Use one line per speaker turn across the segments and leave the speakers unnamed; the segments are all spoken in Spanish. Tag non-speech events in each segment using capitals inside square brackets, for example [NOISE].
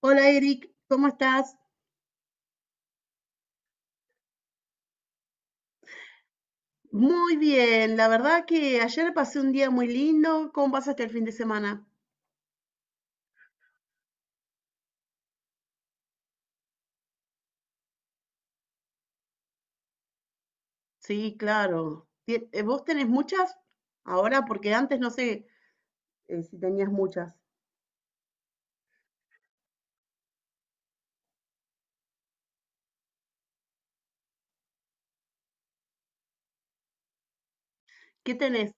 Hola Eric, ¿cómo estás? Muy bien, la verdad que ayer pasé un día muy lindo. ¿Cómo pasaste el fin de semana? Sí, claro. ¿Vos tenés muchas ahora? Porque antes no sé si tenías muchas. ¿Qué tenés?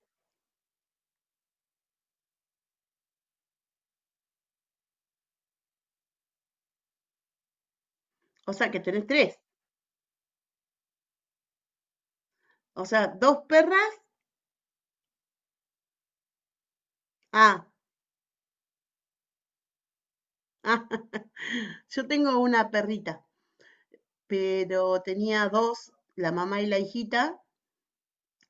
O sea, que tenés tres. O sea, dos perras. Ah, ah, [LAUGHS] yo tengo una perrita, pero tenía dos, la mamá y la hijita,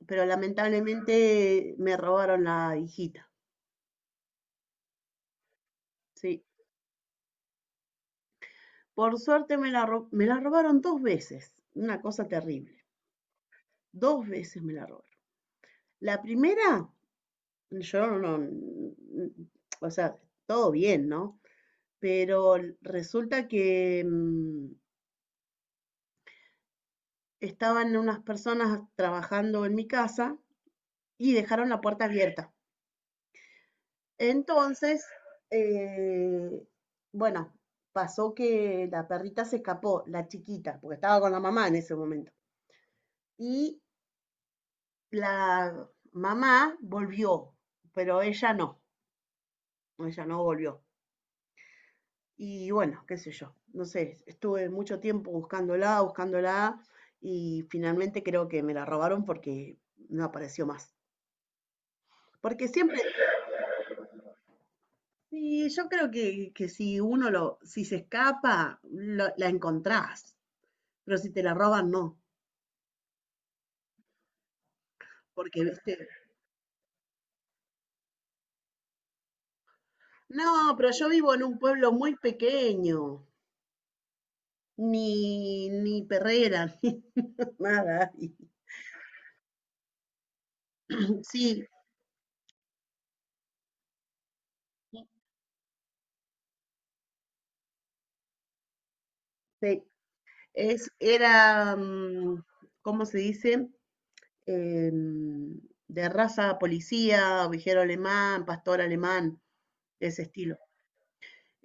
pero lamentablemente me robaron la hijita. Sí. Por suerte me la robaron 2 veces, una cosa terrible. Dos veces me la robaron. La primera, yo no, o sea, todo bien, ¿no? Pero resulta que estaban unas personas trabajando en mi casa y dejaron la puerta abierta. Entonces, eh, bueno, pasó que la perrita se escapó, la chiquita, porque estaba con la mamá en ese momento. Y la mamá volvió, pero ella no volvió. Y bueno, qué sé yo, no sé, estuve mucho tiempo buscándola, buscándola y finalmente creo que me la robaron porque no apareció más. Porque siempre, sí, yo creo que si uno lo, si se escapa, la encontrás, pero si te la roban, no. Porque, viste, no, pero yo vivo en un pueblo muy pequeño, ni perrera, [LAUGHS] ni nada. Sí, sí, es, era, ¿cómo se dice? Em, de raza policía, ovejero alemán, pastor alemán, de ese estilo.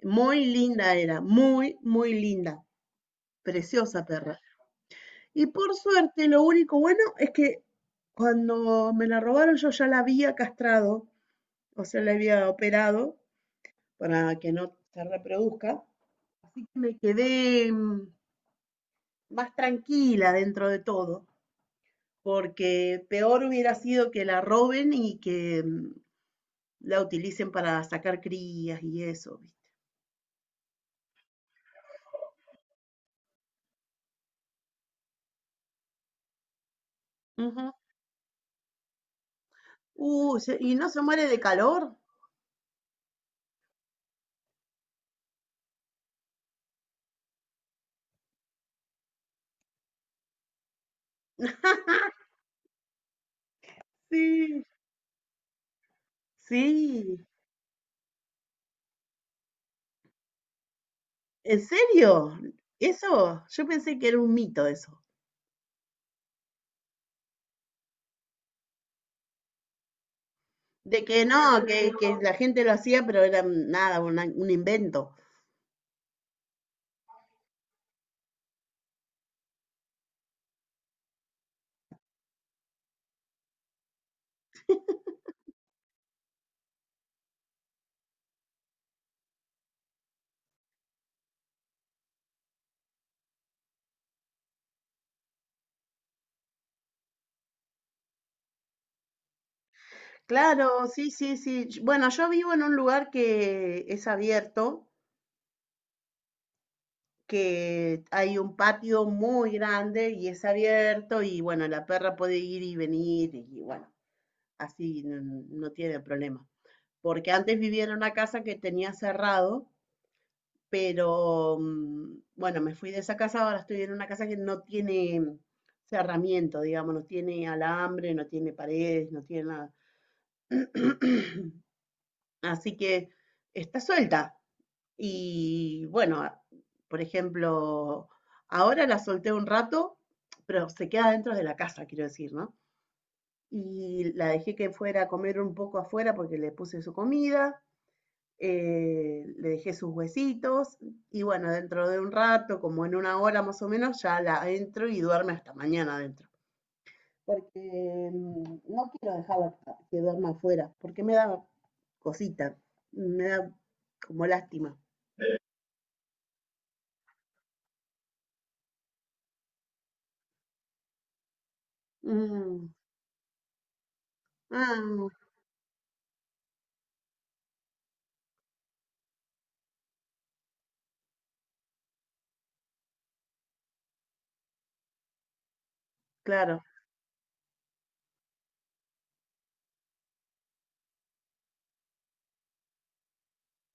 Muy linda era, muy, muy linda, preciosa perra. Y por suerte, lo único bueno es que cuando me la robaron yo ya la había castrado, o sea, la había operado para que no se reproduzca. Así que me quedé más tranquila dentro de todo. Porque peor hubiera sido que la roben y que la utilicen para sacar crías y eso, ¿viste? Ujú. ¿Y no se muere de calor? Sí. Sí, ¿en serio? Eso, yo pensé que era un mito eso, de que no, que la gente lo hacía, pero era nada, una- un invento. Claro, sí, sí, sí. Bueno, yo vivo en un lugar que es abierto que hay un patio muy grande y es abierto y bueno, la perra puede ir y venir y bueno, así no tiene problema. Porque antes vivía en una casa que tenía cerrado, pero bueno, me fui de esa casa, ahora estoy en una casa que no tiene cerramiento, digamos, no tiene alambre, no tiene paredes, no tiene nada. [CLEARS THROAT] Así que está suelta. Y bueno, por ejemplo, ahora la solté un rato, pero se queda dentro de la casa, quiero decir, ¿no? Y la dejé que fuera a comer un poco afuera porque le puse su comida, le dejé sus huesitos y bueno, dentro de un rato, como en una hora más o menos, ya la entro y duerme hasta mañana adentro. Porque no quiero dejarla que duerma afuera, porque me da cosita, me da como lástima. Mm, ah, claro.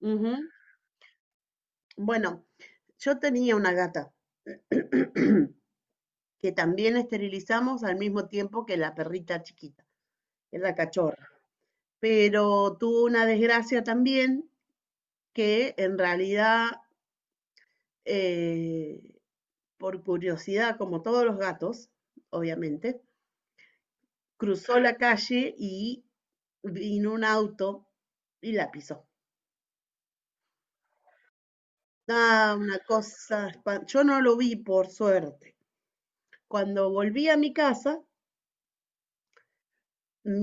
Ujú. Bueno, yo tenía una gata que también esterilizamos al mismo tiempo que la perrita chiquita, que es la cachorra. Pero tuvo una desgracia también que en realidad, eh, por curiosidad, como todos los gatos, obviamente, cruzó la calle y vino un auto y la pisó. Ah, una cosa, yo no lo vi por suerte. Cuando volví a mi casa,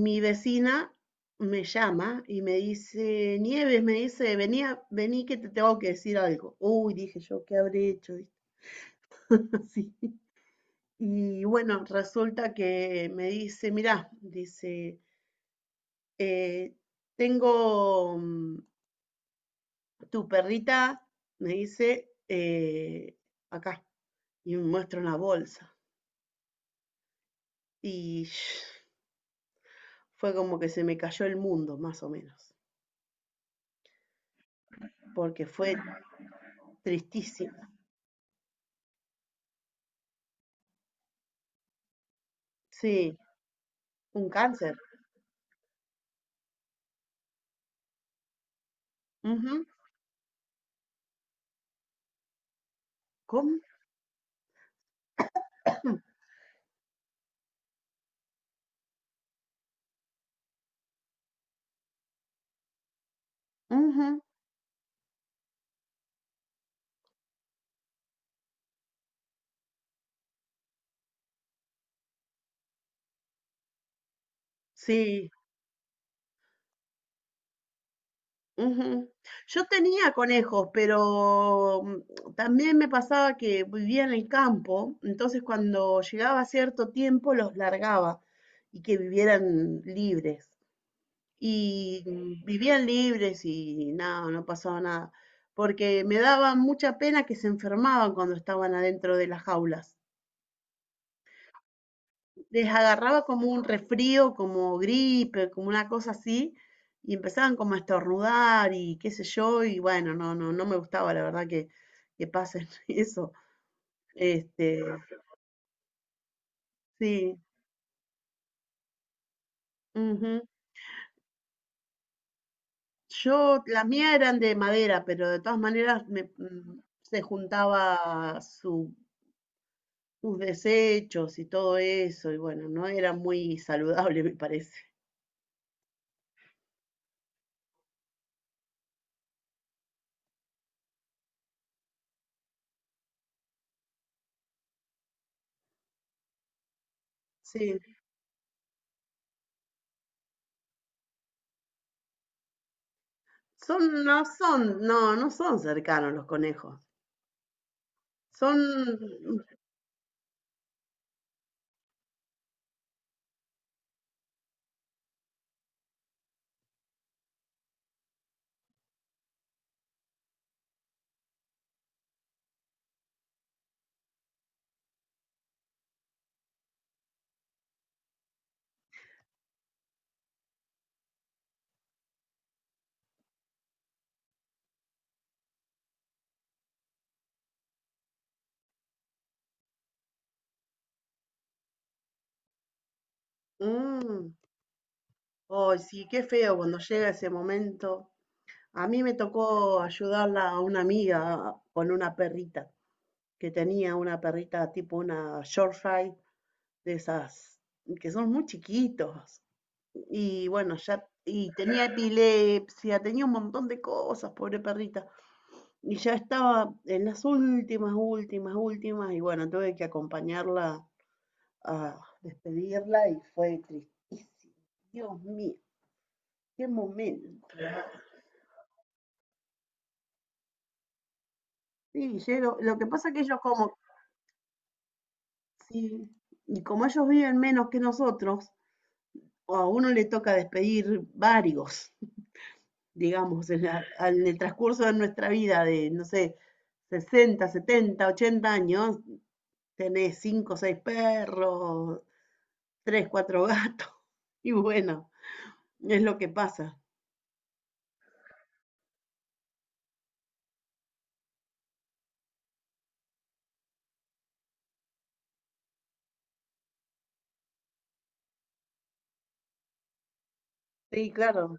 mi vecina me llama y me dice, Nieves, me dice, venía, vení que te tengo que decir algo. Uy, dije yo, ¿qué habré hecho? [LAUGHS] ¿Viste? Y bueno, resulta que me dice, mirá, dice, "eh, tengo tu perrita, me dice, acá, y me muestra una bolsa. Y [SNIFFS] fue como que se me cayó el mundo, más o menos, porque fue tristísimo. Sí, un cáncer. Ujú, ¿cómo? Ujú, sí, ujú. Yo tenía conejos, pero también me pasaba que vivía en el campo, entonces cuando llegaba cierto tiempo los largaba y que vivieran libres. Y vivían libres y nada, no pasaba nada, porque me daba mucha pena que se enfermaban cuando estaban adentro de las jaulas. Les agarraba como un resfrío, como gripe, como una cosa así, y empezaban como a estornudar y qué sé yo, y bueno, no, no, no me gustaba la verdad que pasen [LAUGHS] eso. Este, sí. Ujú. Yo, las mías eran de madera, pero de todas maneras se juntaba sus desechos y todo eso, y bueno, no era muy saludable, [LAUGHS] me parece. Sí, son, no, no son cercanos los conejos. Son. Mm, ay, sí, qué feo cuando llega ese momento. A mí me tocó ayudarla a una amiga con una perrita, que tenía una perrita tipo una Yorkshire, de esas que son muy chiquitos. Y bueno, ya, y tenía epilepsia, tenía un montón de cosas, pobre perrita. Y ya estaba en las últimas, últimas, últimas, y bueno, tuve que acompañarla a despedirla y fue tristísimo. Dios mío. Qué momento. Sí, Yero, lo que pasa es que ellos como, sí, y como ellos viven menos que nosotros, o a uno le toca despedir varios, [LAUGHS] digamos, en el transcurso de nuestra vida de, no sé, 60, 70, 80 años, tenés 5, 6 perros, 3 4 gatos, [LAUGHS] y bueno, es lo que pasa. Sí, claro.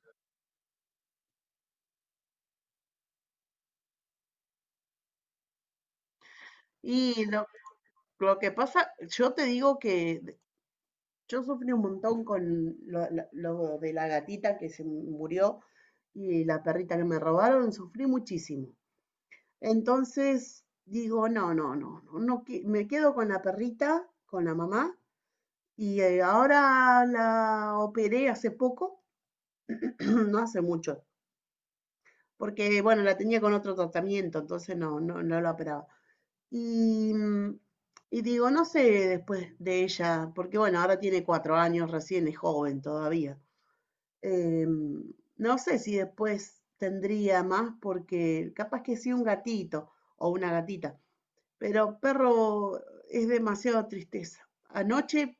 Y lo, que pasa, yo te digo que yo sufrí un montón con lo, lo de la gatita que se murió y la perrita que me robaron, sufrí muchísimo. Entonces digo, no, no, no, no, no, me quedo con la perrita, con la mamá, y ahora la operé hace poco, [CLEARS THROAT] no hace mucho, porque bueno, la tenía con otro tratamiento, entonces no la operaba. Y, mm, y digo, no sé después de ella, porque bueno, ahora tiene 4 años, recién es joven todavía. Eh, no sé si después tendría más, porque capaz que sí un gatito o una gatita, pero perro es demasiada tristeza. Anoche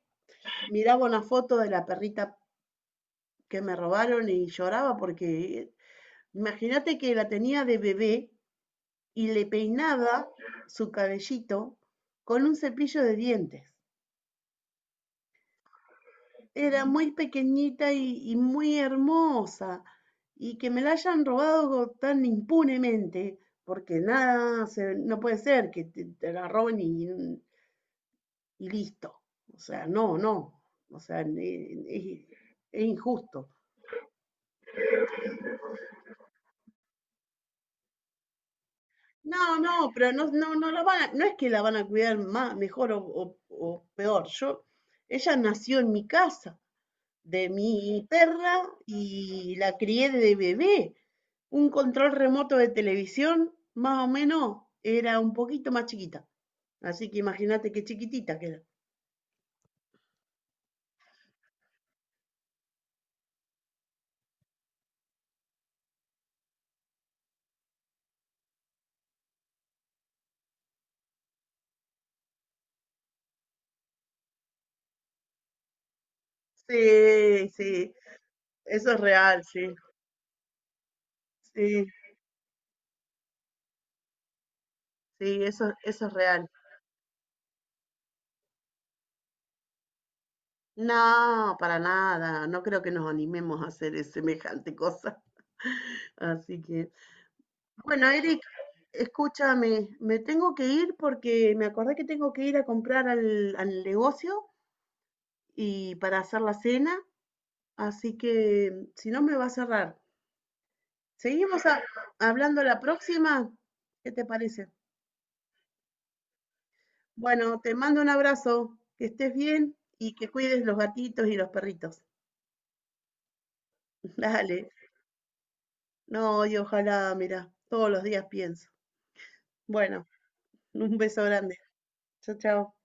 miraba una foto de la perrita que me robaron y lloraba porque imagínate que la tenía de bebé y le peinaba su cabellito con un cepillo de dientes. Era muy pequeñita y muy hermosa, y que me la hayan robado tan impunemente, porque nada, no puede ser que te la roben y listo. O sea, no, no, o sea, es, es, injusto. No, no, pero no, no, no no es que la van a cuidar más, mejor o, o peor. Yo, ella nació en mi casa, de mi perra y la crié de bebé. Un control remoto de televisión, más o menos, era un poquito más chiquita. Así que imagínate qué chiquitita que era. Sí, sí, eso es real, sí. Sí, sí, eso es real. No, para nada. No creo que nos animemos a hacer semejante cosa. [LAUGHS] Así que, bueno, Eric, escúchame, me tengo que ir porque me acordé que tengo que ir a comprar al, al negocio y para hacer la cena, así que si no me va a cerrar. Seguimos a- hablando la próxima. ¿Qué te parece? Bueno, te mando un abrazo, que estés bien y que cuides los gatitos y los perritos. [LAUGHS] Dale. No, y ojalá, mira, todos los días pienso. Bueno, un beso grande. Chao, chao.